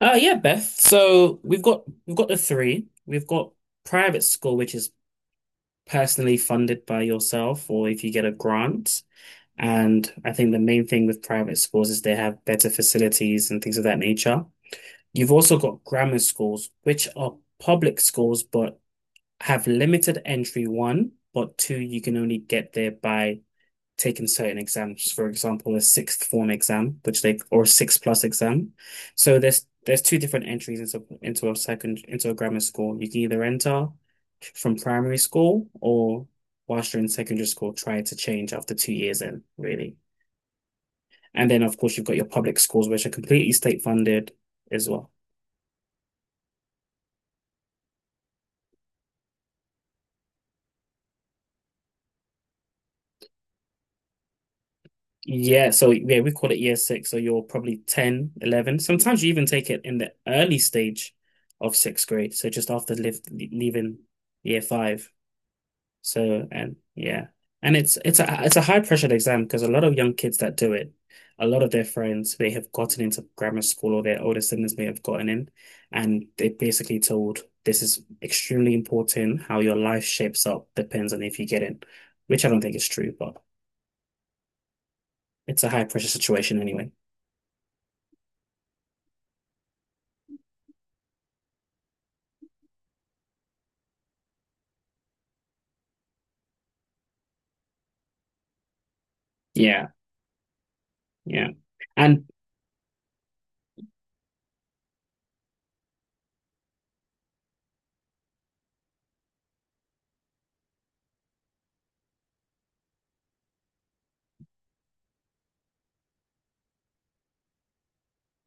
Yeah, Beth, so we've got the three. We've got private school, which is personally funded by yourself or if you get a grant. And I think the main thing with private schools is they have better facilities and things of that nature. You've also got grammar schools, which are public schools but have limited entry one, but two, you can only get there by taken certain exams, for example, a sixth form exam, which they or six plus exam. So there's two different entries into a second into a grammar school. You can either enter from primary school or whilst you're in secondary school, try to change after 2 years in, really. And then of course you've got your public schools, which are completely state funded as well. Yeah, so yeah, we call it year 6. So you're probably 10, 11. Sometimes you even take it in the early stage of sixth grade. So just after leaving year 5. So and yeah, and it's a high pressured exam because a lot of young kids that do it, a lot of their friends they have gotten into grammar school or their older siblings may have gotten in, and they're basically told this is extremely important. How your life shapes up depends on if you get in, which I don't think is true, but it's a high pressure situation anyway. Yeah. Yeah. And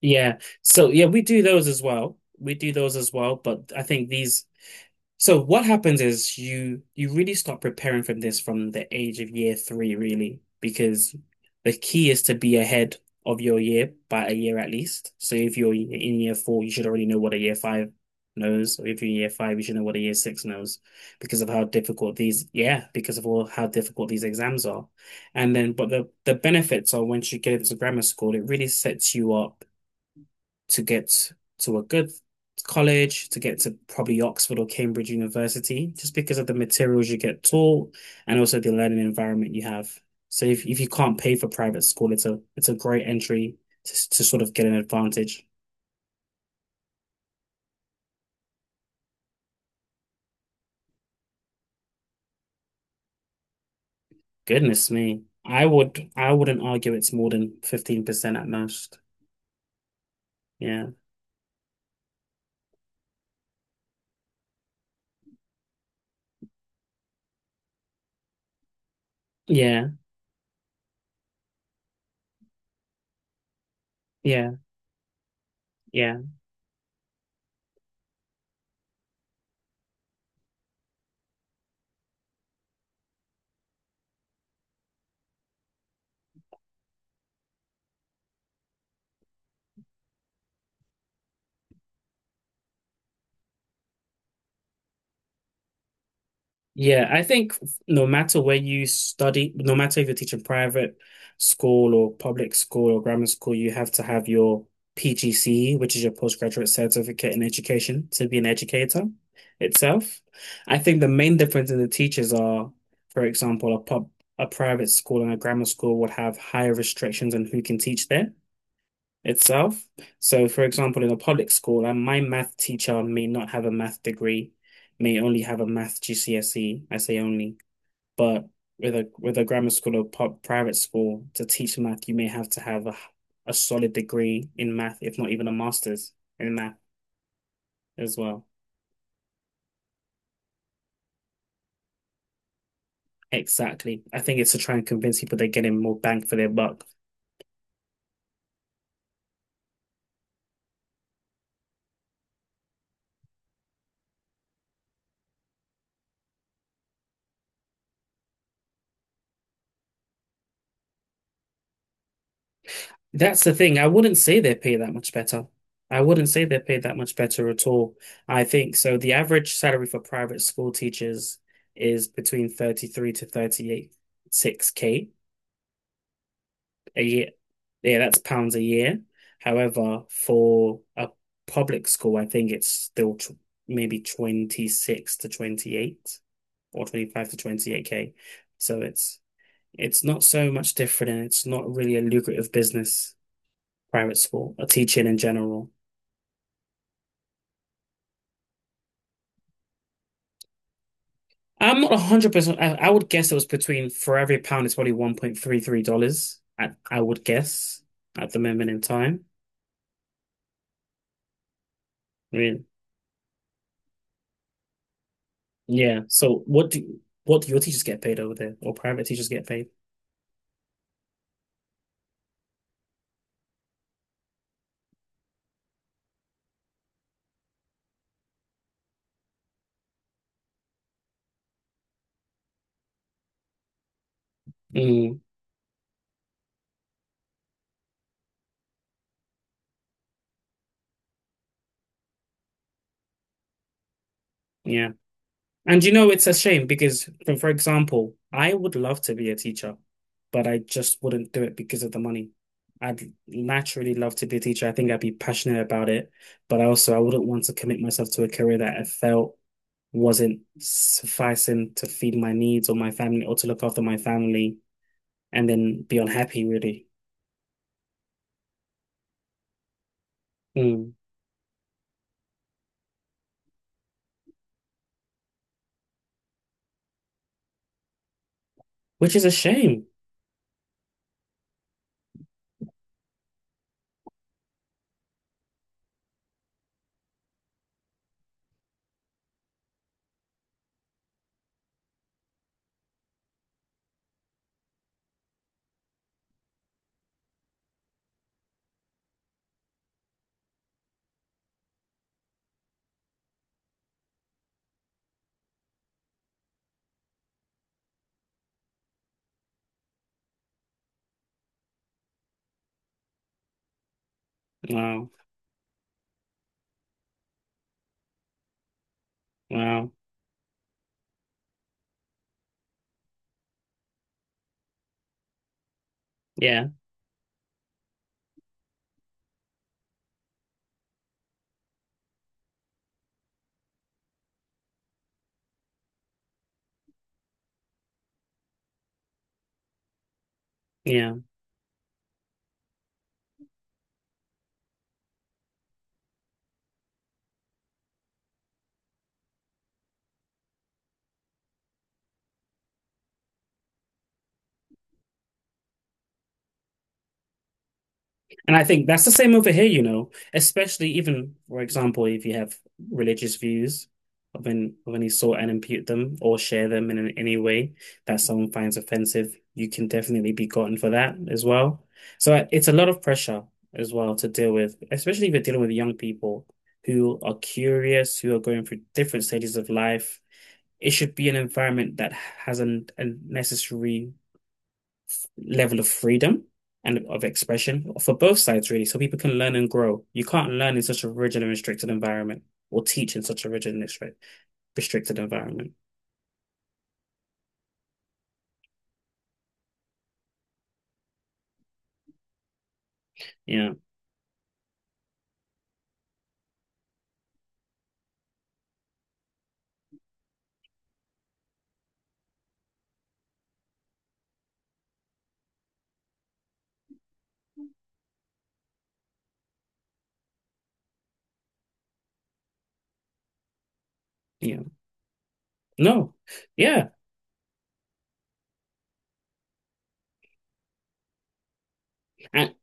yeah, we do those as well. But I think these so what happens is you really start preparing from this from the age of year 3, really, because the key is to be ahead of your year by a year at least. So if you're in year 4, you should already know what a year 5 knows, or if you're in year 5, you should know what a year 6 knows because of how difficult these, yeah, because of all how difficult these exams are. And then, but the benefits are once you get into grammar school, it really sets you up to get to a good college, to get to probably Oxford or Cambridge University, just because of the materials you get taught and also the learning environment you have. So if you can't pay for private school, it's a great entry to sort of get an advantage. Goodness me. I wouldn't argue it's more than 15% at most. Yeah. Yeah. Yeah. Yeah. Yeah, I think no matter where you study, no matter if you're teaching private school or public school or grammar school, you have to have your PGCE, which is your postgraduate certificate in education, to be an educator itself. I think the main difference in the teachers are, for example, a private school and a grammar school would have higher restrictions on who can teach there itself. So, for example, in a public school, and my math teacher may not have a math degree, may only have a math GCSE. I say only, but with a grammar school or private school to teach math, you may have to have a solid degree in math, if not even a master's in math as well. Exactly. I think it's to try and convince people they're getting more bang for their buck. That's the thing. I wouldn't say they're paid that much better at all. I think so. The average salary for private school teachers is between 33 to 38, 6K a year. Yeah, that's pounds a year. However, for a public school, I think it's still tw maybe 26 to 28 or 25 to 28K. So it's not so much different and it's not really a lucrative business, private school or teaching in general. I'm not 100%. I would guess it was between, for every pound, it's probably $1.33. I would guess at the moment in time. I mean, yeah. So what do your teachers get paid over there or private teachers get paid? Mm, yeah. And you know, it's a shame because, for example, I would love to be a teacher, but I just wouldn't do it because of the money. I'd naturally love to be a teacher. I think I'd be passionate about it, but also I wouldn't want to commit myself to a career that I felt wasn't sufficing to feed my needs or my family or to look after my family and then be unhappy, really. Mm. Which is a shame. Wow. Wow. Yeah. Yeah. And I think that's the same over here, you know, especially even, for example, if you have religious views of any sort and impute them or share them in any way that someone finds offensive, you can definitely be gotten for that as well. It's a lot of pressure as well to deal with, especially if you're dealing with young people who are curious, who are going through different stages of life. It should be an environment that has a necessary level of freedom and of expression for both sides, really, so people can learn and grow. You can't learn in such a rigid and restricted environment or teach in such a rigid and restricted environment. Yeah. Yeah. No. Yeah. And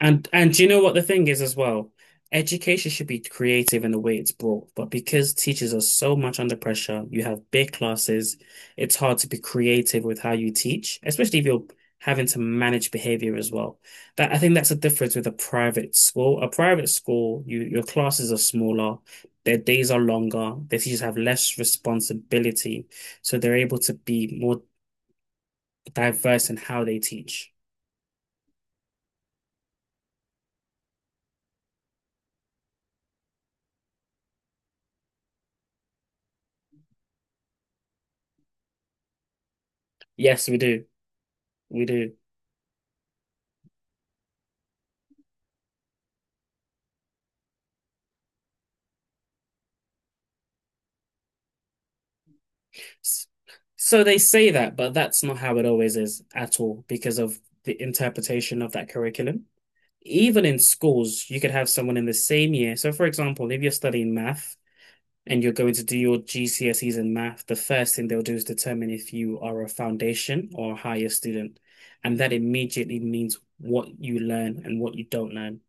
and do you know what the thing is as well? Education should be creative in the way it's brought, but because teachers are so much under pressure, you have big classes, it's hard to be creative with how you teach, especially if you're having to manage behavior as well. That I think that's the difference with a private school. A private school, your classes are smaller, their days are longer, their teachers have less responsibility, so they're able to be more diverse in how they teach. Yes, we do. We do. So they say that, but that's not how it always is at all because of the interpretation of that curriculum. Even in schools, you could have someone in the same year. So, for example, if you're studying math and you're going to do your GCSEs in math, the first thing they'll do is determine if you are a foundation or a higher student. And that immediately means what you learn and what you don't learn.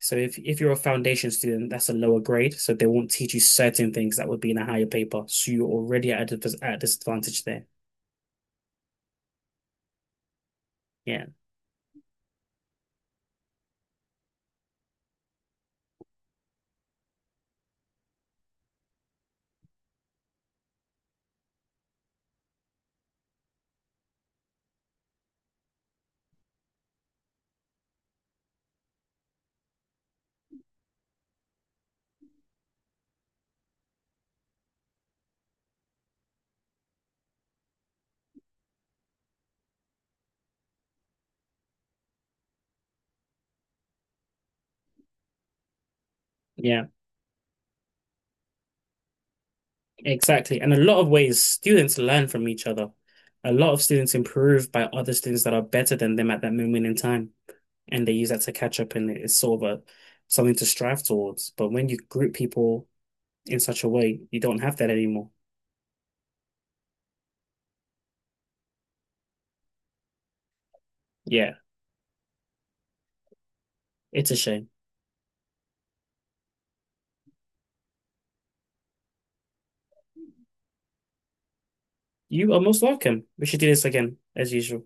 So if you're a foundation student, that's a lower grade. So they won't teach you certain things that would be in a higher paper. So you're already at at a disadvantage there. Yeah. Yeah, exactly. And a lot of ways students learn from each other. A lot of students improve by other students that are better than them at that moment in time. And they use that to catch up and it's sort of a something to strive towards. But when you group people in such a way, you don't have that anymore. Yeah, it's a shame. You are most welcome. We should do this again, as usual.